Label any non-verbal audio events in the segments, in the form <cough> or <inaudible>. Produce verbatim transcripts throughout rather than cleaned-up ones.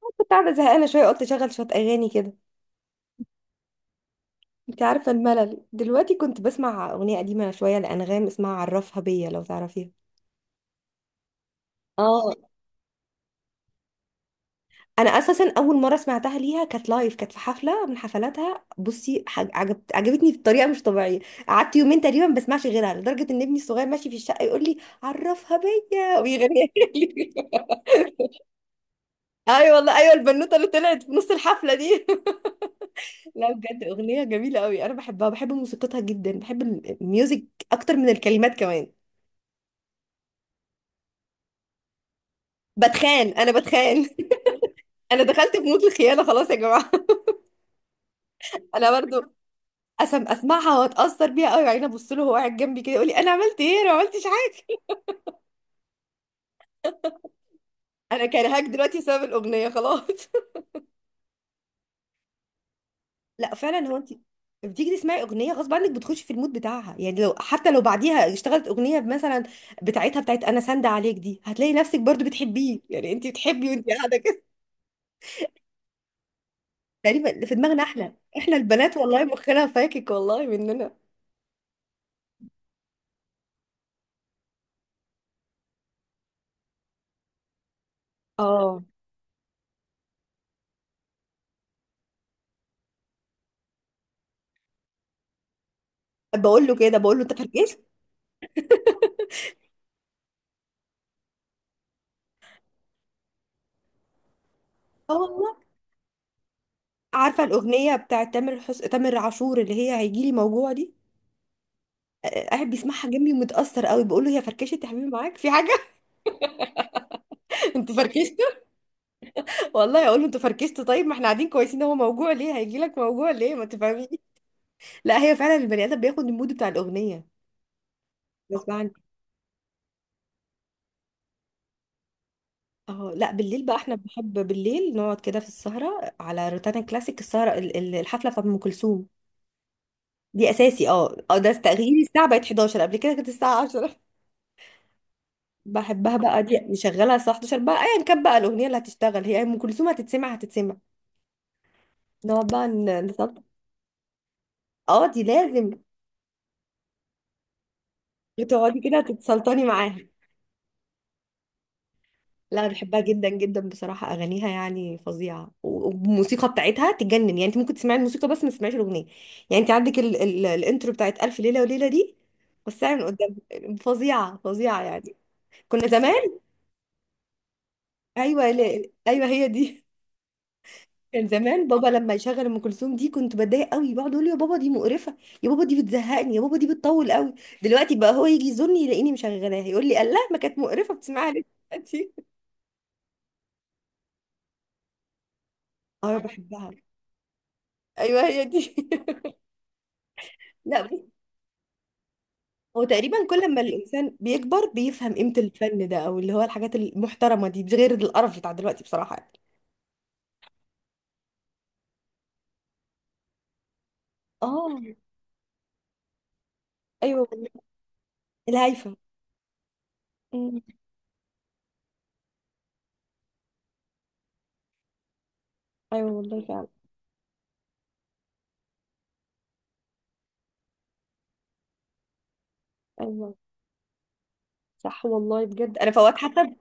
كنت قاعدة زهقانة شوية، قلت أشغل شوية أغاني كده. أنت عارفة الملل دلوقتي، كنت بسمع أغنية قديمة شوية لأنغام اسمها عرفها بيا، لو تعرفيها. اه، أنا أساسا أول مرة سمعتها ليها كانت لايف، كانت في حفلة من حفلاتها. بصي حاج- عجبت عجبتني بطريقة مش طبيعية. قعدت يومين تقريبا ما بسمعش غيرها، لدرجة إن ابني الصغير ماشي في الشقة يقول لي عرفها بيا ويغنيها لي. <laughs> أيوة والله، أيوة البنوتة اللي طلعت في نص الحفلة دي. <laughs> لا بجد، أغنية جميلة قوي، أنا بحبها، بحب موسيقتها جدا، بحب الميوزك أكتر من الكلمات كمان. بتخان، انا بتخان. <laughs> انا دخلت في مود الخيانه خلاص يا جماعه. <laughs> انا برضو أسم اسمعها واتاثر بيها قوي، وبعدين ابص له وهو قاعد جنبي كده يقول لي انا عملت ايه؟ انا ما عملتش حاجه. انا كرهاك دلوقتي بسبب الاغنيه خلاص. <laughs> لا فعلا، هو انت بتيجي تسمعي اغنيه غصب عنك، بتخشي في المود بتاعها. يعني لو حتى لو بعديها اشتغلت اغنيه مثلا بتاعتها، بتاعت انا ساندة عليك دي، هتلاقي نفسك برضو بتحبيه. يعني انت بتحبي وانت قاعده كده. تقريبا في دماغنا احنا، احنا البنات والله مخنا فاكك، والله مننا. اه، بقول له كده، بقول له انت فركشت. اه والله، عارفه الاغنيه بتاعت تامر حس... تامر عاشور اللي هي هيجيلي موجوع دي؟ آه، قاعد بيسمعها جنبي ومتاثر قوي، بقول له هي فركشت يا حبيبي، معاك في حاجه؟ <laughs> انتوا فركشتوا. والله اقول له انتوا فركشتوا، طيب ما احنا قاعدين كويسين، هو موجوع ليه؟ هيجي لك موجوع ليه؟ ما تفهميش. لا هي فعلا البني ادم بياخد المود بتاع الاغنيه غصب عني. اه لا بالليل بقى احنا بنحب بالليل نقعد كده في السهره، على روتانا كلاسيك، السهره ال- ال- الحفله بتاعت ام كلثوم دي اساسي. اه اه، ده تغيير، الساعه بقت حداشر، قبل كده كانت الساعه عشرة. بحبها بقى دي، نشغلها الساعة حداشر بقى، ايا كان بقى الأغنية اللي هتشتغل، هي أم كلثوم هتتسمع هتتسمع. نقعد بقى ن- نسلطن. اه دي لازم. بتقعدي كده تتسلطني معاها. لا أنا بحبها جدا جدا بصراحة، أغانيها يعني فظيعة، و- والموسيقى بتاعتها تجنن. يعني أنت ممكن تسمعي الموسيقى بس ما تسمعيش الأغنية. يعني أنت عندك ال ال الإنترو بتاعت ألف ليلة وليلة دي بس من قدام، فظيعة فظيعة يعني. كنا زمان، أيوه لا- أيوه هي دي. كان زمان بابا <laughs> لما يشغل ام كلثوم دي كنت بتضايق قوي، بقعد اقول له يا بابا دي مقرفه، يا بابا دي بتزهقني، يا بابا دي بتطول قوي. دلوقتي بقى هو يجي يزورني يلاقيني مشغلاها يقول لي الله، ما كانت مقرفه، بتسمعها ليه دلوقتي؟ <laughs> اه بحبها. ايوه هي دي. <laughs> لا بس، هو تقريبا كل ما الانسان بيكبر بيفهم قيمه الفن ده، او اللي هو الحاجات المحترمه دي، غير القرف بتاع دلوقتي بصراحه يعني. اه، ايوه والله، الهايفه. أمم، ايوه والله فعلا. ايوه صح والله بجد، انا فوات حتى.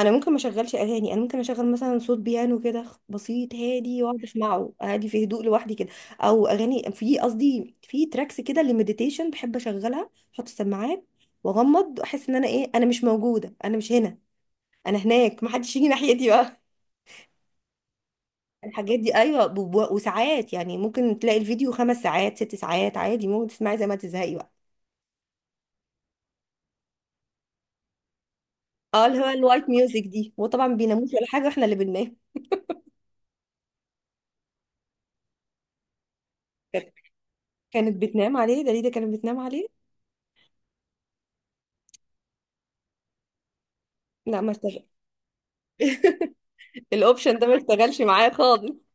انا ممكن ما اشغلش اغاني، انا ممكن اشغل مثلا صوت بيانو كده خ- بسيط هادي، واقعد اسمعه هادي في هدوء لوحدي كده. او اغاني، في قصدي في تراكس كده للمديتيشن، بحب اشغلها، احط السماعات واغمض، احس ان انا ايه، انا مش موجوده، انا مش هنا، انا هناك، ما حدش يجي ناحيتي بقى. الحاجات دي ايوه، ب- ب- وساعات يعني ممكن تلاقي الفيديو خمس ساعات ست ساعات عادي، ممكن تسمعي زي ما تزهقي بقى. اه اللي هو الوايت ميوزك دي، وطبعا بيناموش ولا حاجه، واحنا اللي بننام. كانت كانت بتنام عليه دليده، كانت بتنام عليه. لا ما اشتغل، الاوبشن ده ما <laughs> اشتغلش معايا خالص.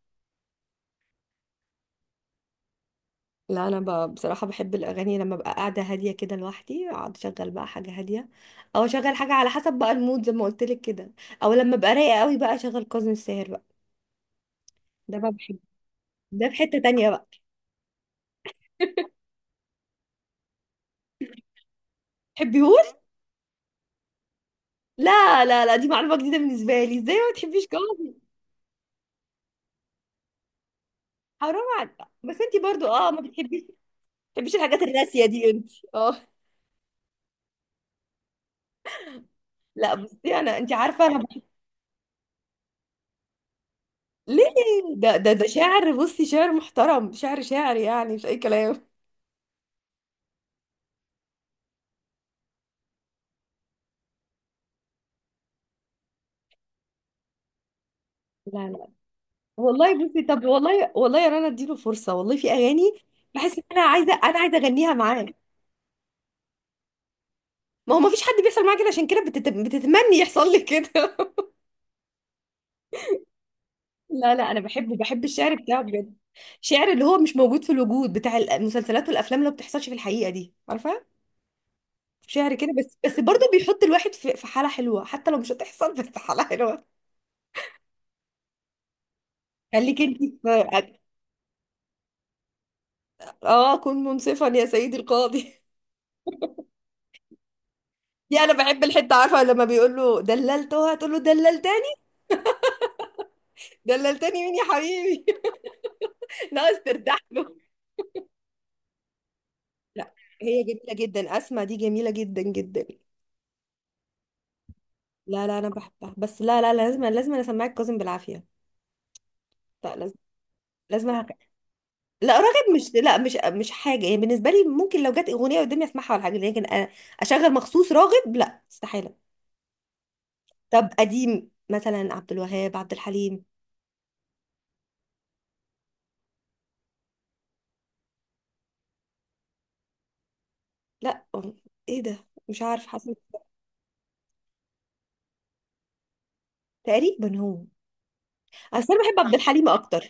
لا انا ب... بصراحه بحب الاغاني لما ابقى قاعده هاديه كده لوحدي، اقعد اشغل بقى حاجه هاديه، او اشغل حاجه على حسب بقى المود زي ما قلت لك كده. او لما ابقى رايقه قوي بقى اشغل كاظم الساهر بقى. ده بقى بحبه، ده في حته تانية بقى. <laughs> تحبيهوش؟ لا لا لا، دي معلومه جديده بالنسبه لي، ازاي ما تحبيش كاظم؟ حرام عليك. بس انت برضو اه ما بتحبيش، ما بتحبيش الحاجات الراسيه دي انت، اه. لا بصي انا، انت عارفه انا بحب. ليه؟ ده ده ده شاعر، بصي شاعر محترم، شاعر شاعر يعني، مش اي كلام. لا لا والله، بصي طب والله، والله يا رنا اديله فرصه، والله في اغاني بحس ان انا عايزه، انا عايزه اغنيها معاه. ما هو ما فيش حد بيحصل معاه كده، عشان كده بتت... بتتمني يحصل لي كده. <laughs> لا لا انا بحبه، بحب الشعر بتاعه بجد، شعر اللي هو مش موجود في الوجود، بتاع المسلسلات والافلام اللي ما بتحصلش في الحقيقه دي، عارفه. شعر كده بس، بس برضه بيحط الواحد في في حاله حلوه، حتى لو مش هتحصل بس حاله حلوه. خليك انت في، اه كن منصفا يا سيدي القاضي. <laughs> دي انا بحب الحته، عارفه لما بيقول له دللتها، تقول له دللت، دللتني مين يا حبيبي؟ <laughs> ناقص تردح له. لا هي جميله جدا، اسماء دي جميله جدا جدا. لا لا انا بحبها بس، لا لا لا، لازم لازم انا اسمعك كاظم بالعافيه، لا لازم لازم أنا... لا راغب مش، لا مش مش حاجه يعني بالنسبه لي، ممكن لو جت اغنيه قدامي اسمعها ولا حاجه، لكن أ- اشغل مخصوص راغب؟ لا استحاله. طب قديم مثلا، عبد الوهاب، عبد الحليم؟ لا ايه ده، مش عارف حاسه، تقريبا هو. اصل انا بحب عبد الحليم اكتر،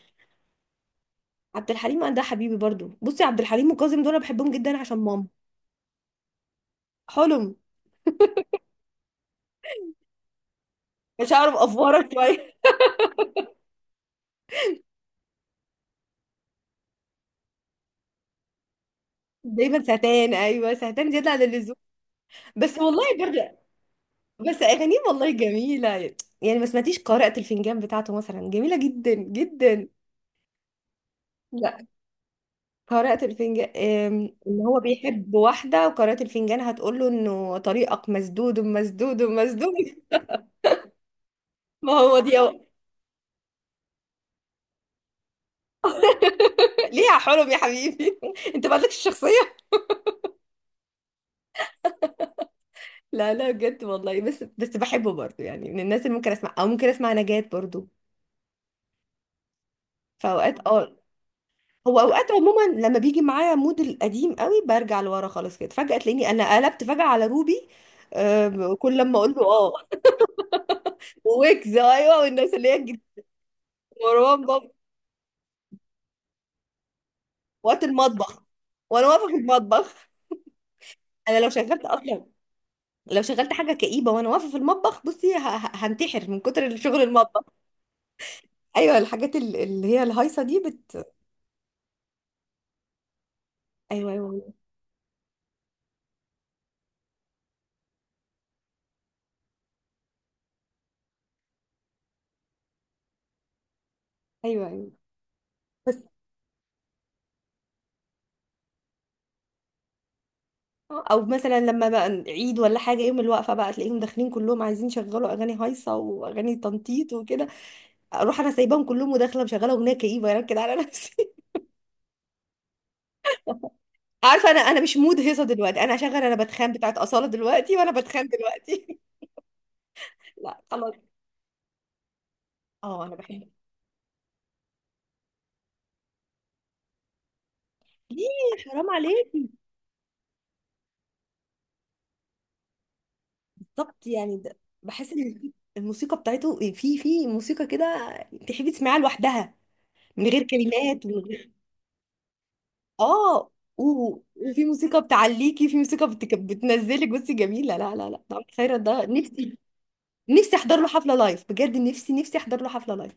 عبد الحليم ده حبيبي برضو. بصي عبد الحليم وكاظم دول أنا بحبهم جدا عشان ماما. حلم، مش هعرف افورك شويه. <laughs> دايما سهتان، ايوه سهتان زياده عن اللزوم. بس والله برضه، بس اغانيه والله جميله. يعني ما سمعتيش قارئة الفنجان بتاعته مثلا؟ جميله جدا جدا. لا، قارئة الفنجان أم، ان هو بيحب واحده، وقارئة الفنجان هتقول له انه طريقك مسدود مسدود مسدود. <laughs> ما هو دي أهو. ليه يا حلم يا حبيبي؟ <laughs> انت مالكش الشخصيه. لا لا بجد والله، بس بس بحبه برضه، يعني من الناس اللي ممكن اسمع، او ممكن اسمع نجاة برضه. فاوقات اه، هو اوقات عموما لما بيجي معايا مود القديم قوي برجع لورا خالص كده، فجأة تلاقيني انا قلبت فجأة على روبي. آم، كل لما اقول له اه، ويجز، ايوه والناس اللي هي الجديدة، مروان بابا، وقت المطبخ وانا واقفة في المطبخ. انا لو شغلت اصلا، لو شغلت حاجة كئيبة وانا واقفة في المطبخ، بصي ه- ه- هنتحر من كتر شغل المطبخ. ايوه الحاجات ال- اللي هي الهايصة دي بت ايوه ايوه، ايوه ايوه أيوه. بس، او مثلا لما بقى عيد ولا حاجه، يوم الوقفه بقى تلاقيهم داخلين كلهم عايزين يشغلوا اغاني هايصه واغاني تنطيط وكده، اروح انا سايباهم كلهم وداخله مشغله اغنيه كئيبه، يعني كده على نفسي. <laughs> عارفه انا، انا مش مود هيصه دلوقتي، انا هشغل، انا بتخان بتاعت اصاله دلوقتي، وانا بتخان دلوقتي. <laughs> لا خلاص. اه انا بحب. ليه؟ حرام عليكي. بالظبط يعني، ده بحس ان الموسيقى، الموسيقى بتاعته، في في موسيقى كده تحبي تسمعيها لوحدها، من غير كلمات ومن غير، اه، و- وفي موسيقى بتعليكي، في موسيقى بتك... بتنزلك، بصي جميله. لا لا لا، ده عمرو خيرت ده، نفسي نفسي احضر له حفله لايف بجد، نفسي نفسي احضر له حفله لايف.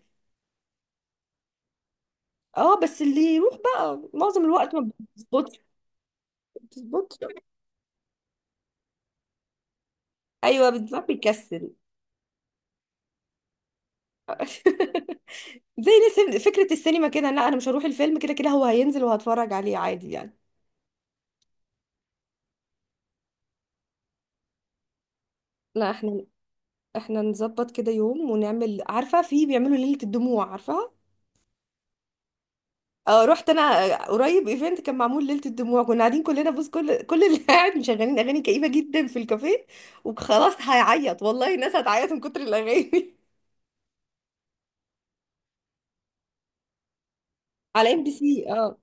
اه بس اللي يروح بقى معظم الوقت ما بتظبطش، ما بتظبطش. ايوه بتبقى بيكسل. <laughs> زي نفس فكره السينما كده، لا انا مش هروح الفيلم، كده كده هو هينزل وهتفرج عليه عادي يعني. لا احنا، احنا نظبط كده يوم ونعمل، عارفه في بيعملوا ليله الدموع، عارفه. اه رحت انا، آه، قريب ايفنت كان معمول ليله الدموع، كنا قاعدين كلنا بص، كل كل اللي <laughs> قاعد مشغلين اغاني كئيبه جدا في الكافيه، وخلاص هيعيط والله، الناس هتعيط من كتر الاغاني. <laughs> على ام بي سي اه.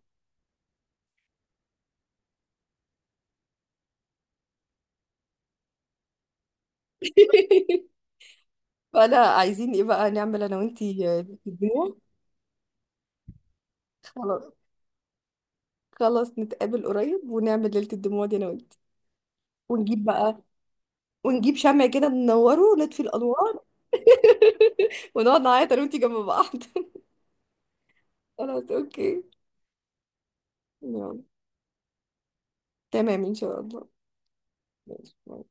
<laughs> فانا عايزين ايه بقى نعمل انا وانتي، آه، ليله الدموع. خلاص، خلاص نتقابل قريب ونعمل ليله الدموع دي انا وانتي، ونجيب بقى، ونجيب شمع كده ننوره ونطفي الانوار. <laughs> ونقعد نعيط انا وانتي جنب بعض. <laughs> خلاص اوكي، يلا، تمام ان شاء الله، ماشي.